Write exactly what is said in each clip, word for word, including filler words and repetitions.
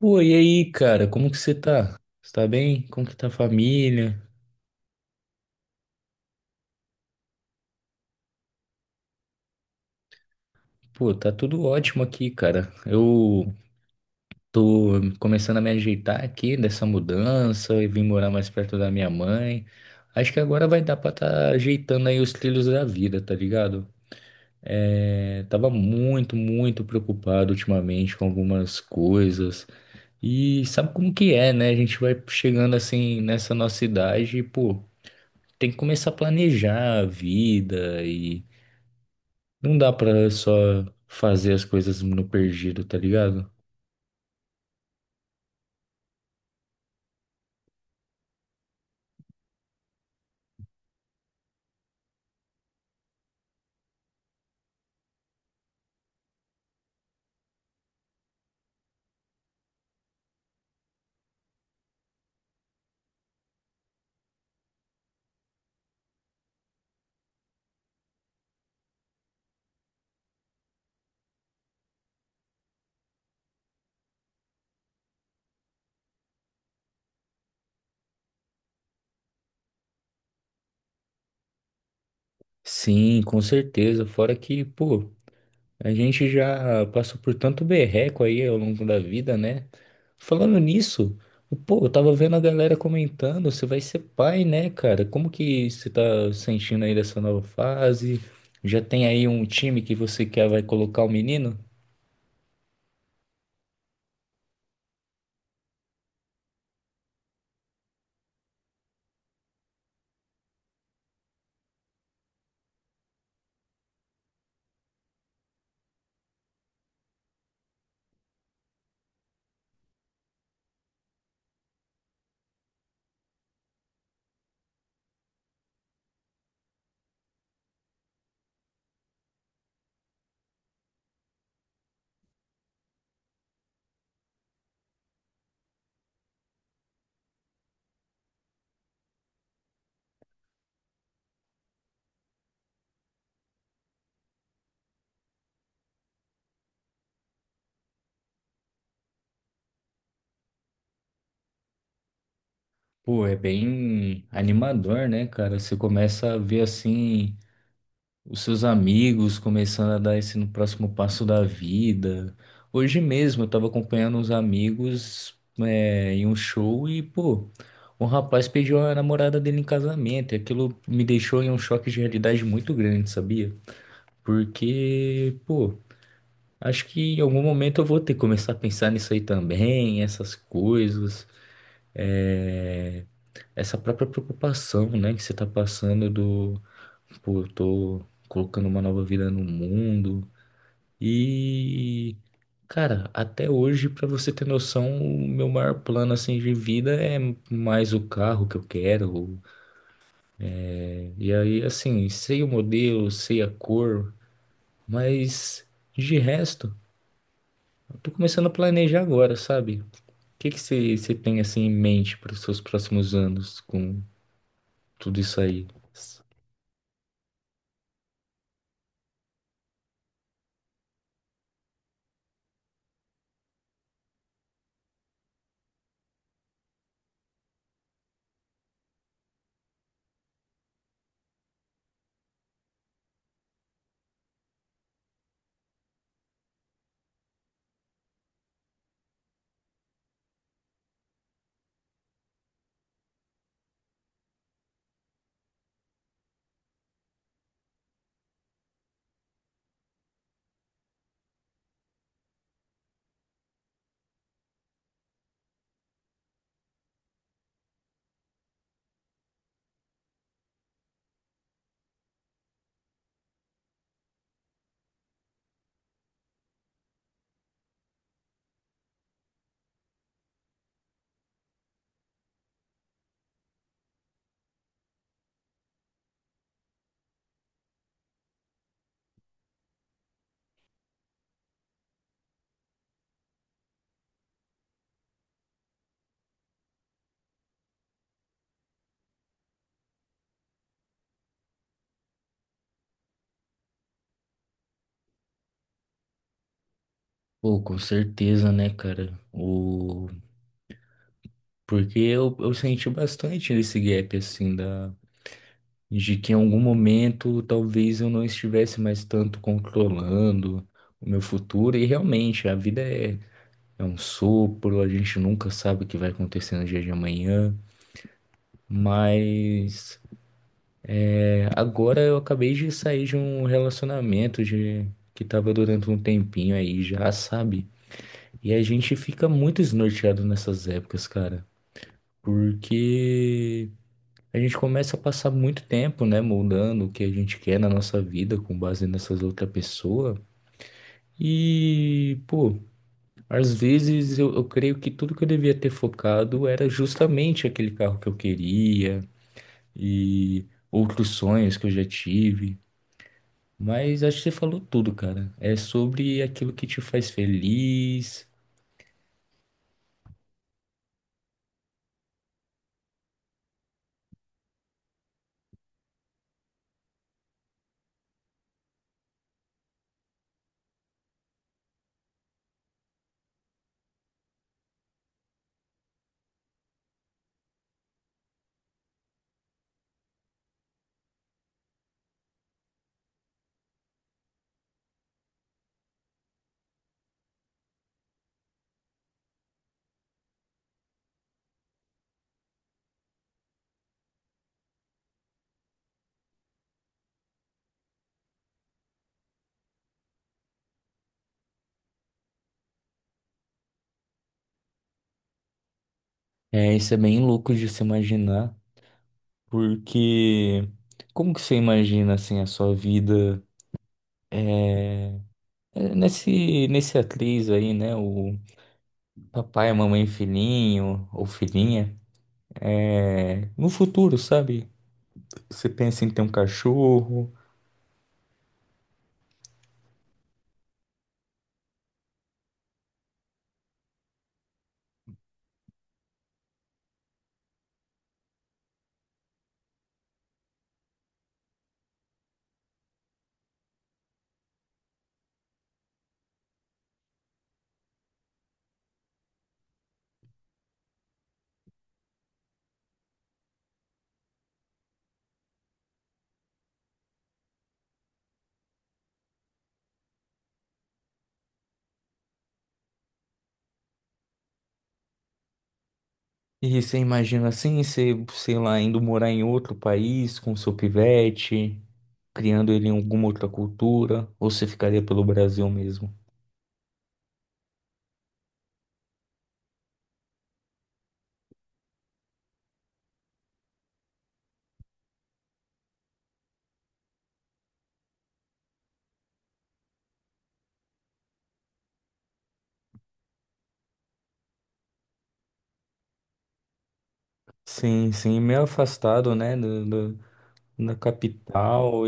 Pô, e aí, cara, como que você tá? Você tá bem? Como que tá a família? Pô, tá tudo ótimo aqui, cara. Eu tô começando a me ajeitar aqui dessa mudança e vim morar mais perto da minha mãe. Acho que agora vai dar pra tá ajeitando aí os trilhos da vida, tá ligado? É, tava muito, muito preocupado ultimamente com algumas coisas. E sabe como que é, né? A gente vai chegando assim nessa nossa idade e, pô, tem que começar a planejar a vida e não dá pra só fazer as coisas no perdido, tá ligado? Sim, com certeza. Fora que, pô, a gente já passou por tanto berreco aí ao longo da vida, né? Falando nisso, pô, eu tava vendo a galera comentando, você vai ser pai, né, cara? Como que você tá sentindo aí dessa nova fase? Já tem aí um time que você quer vai colocar o menino? Pô, é bem animador, né, cara? Você começa a ver assim os seus amigos começando a dar esse no próximo passo da vida. Hoje mesmo eu tava acompanhando uns amigos é, em um show e, pô, um rapaz pediu a namorada dele em casamento e aquilo me deixou em um choque de realidade muito grande, sabia? Porque, pô, acho que em algum momento eu vou ter que começar a pensar nisso aí também, essas coisas, é, essa própria preocupação, né, que você tá passando do, pô, eu tô colocando uma nova vida no mundo. E, cara, até hoje, pra você ter noção, o meu maior plano assim de vida é mais o carro que eu quero. E aí, assim, sei o modelo, sei a cor, mas de resto, eu tô começando a planejar agora, sabe? O que que você você tem assim em mente para os seus próximos anos com tudo isso aí? Pô, com certeza, né, cara? O... Porque eu, eu senti bastante esse gap, assim, da. De que em algum momento talvez eu não estivesse mais tanto controlando o meu futuro, e realmente a vida é, é um sopro, a gente nunca sabe o que vai acontecer no dia de amanhã, mas é, agora eu acabei de sair de um relacionamento de, que estava durando um tempinho aí já, sabe? E a gente fica muito desnorteado nessas épocas, cara, porque a gente começa a passar muito tempo, né, moldando o que a gente quer na nossa vida com base nessas outra pessoa. E, pô, às vezes eu, eu creio que tudo que eu devia ter focado era justamente aquele carro que eu queria e outros sonhos que eu já tive. Mas acho que você falou tudo, cara. É sobre aquilo que te faz feliz. É, isso é bem louco de se imaginar, porque como que você imagina assim a sua vida? É, É, Nesse, nesse atriz aí, né? O papai, a mamãe, e filhinho ou filhinha. É, no futuro, sabe? Você pensa em ter um cachorro. E você imagina assim, você, sei lá, indo morar em outro país com seu pivete, criando ele em alguma outra cultura, ou você ficaria pelo Brasil mesmo? Sim, sim, meio afastado, né, do, do- da capital.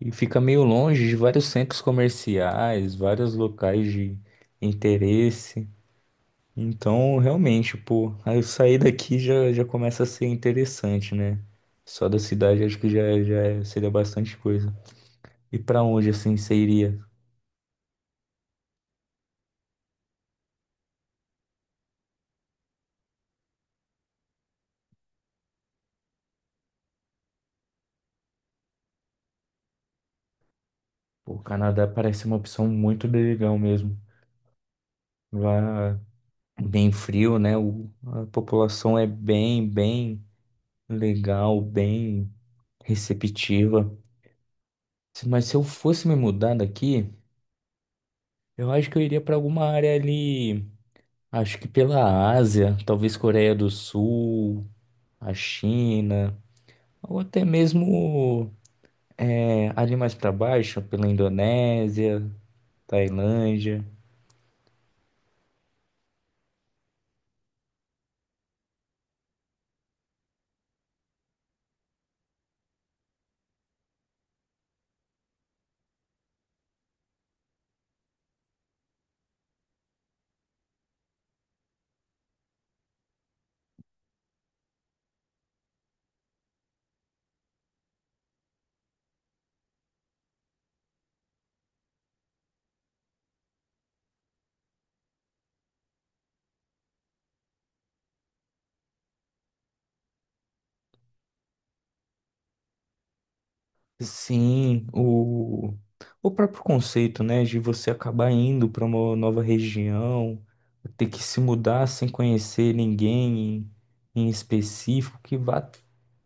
E fica meio longe de vários centros comerciais, vários locais de interesse. Então, realmente, pô, aí eu sair daqui já, já começa a ser interessante, né? Só da cidade acho que já, já é- seria bastante coisa. E pra onde assim você iria? Pô, o Canadá parece uma opção muito legal mesmo. Lá bem frio, né? O- a população é bem, bem legal, bem receptiva. Se- Mas se eu fosse me mudar daqui. Eu acho que eu iria pra alguma área ali, acho que pela Ásia, talvez Coreia do Sul, a China, ou até mesmo é, ali mais pra baixo, pela Indonésia, Tailândia. Sim, o, o próprio conceito, né, de você acabar indo para uma nova região, ter que se mudar sem conhecer ninguém em, em específico que vá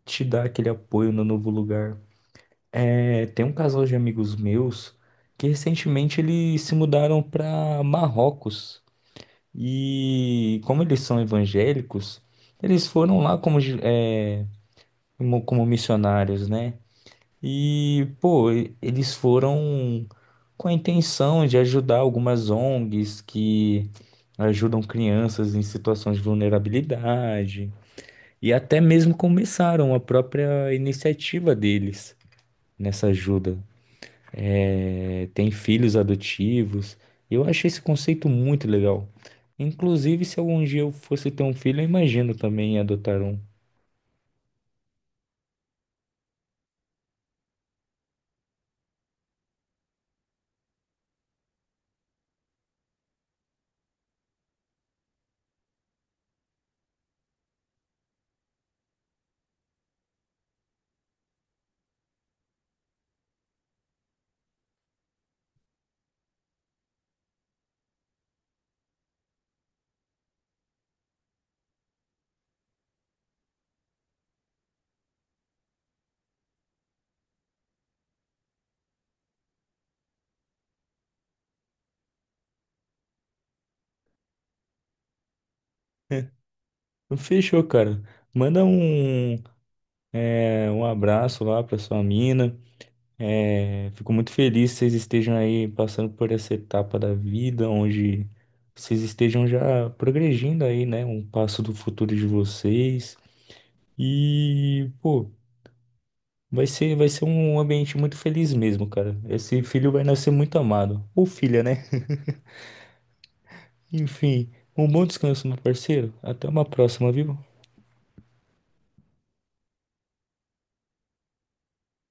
te dar aquele apoio no novo lugar. É, tem um casal de amigos meus que recentemente eles se mudaram para Marrocos. E como eles são evangélicos, eles foram lá como, gi- é, como como missionários, né? E, pô, e- eles foram com a intenção de ajudar algumas O N Gs que ajudam crianças em situações de vulnerabilidade. E até mesmo começaram a própria iniciativa deles nessa ajuda. É, tem filhos adotivos. Eu achei esse conceito muito legal. Inclusive, se algum dia eu fosse ter um filho, eu imagino também adotar um. Então, fechou, cara. Manda um, é, um abraço lá pra sua mina. É, fico muito feliz que vocês estejam aí passando por essa etapa da vida, onde vocês estejam já progredindo aí, né? Um passo do futuro de vocês. E, pô. Vai ser, vai ser um ambiente muito feliz mesmo, cara. Esse filho vai nascer muito amado. Ou filha, né? Enfim, um bom descanso, meu parceiro. Até uma próxima, viu?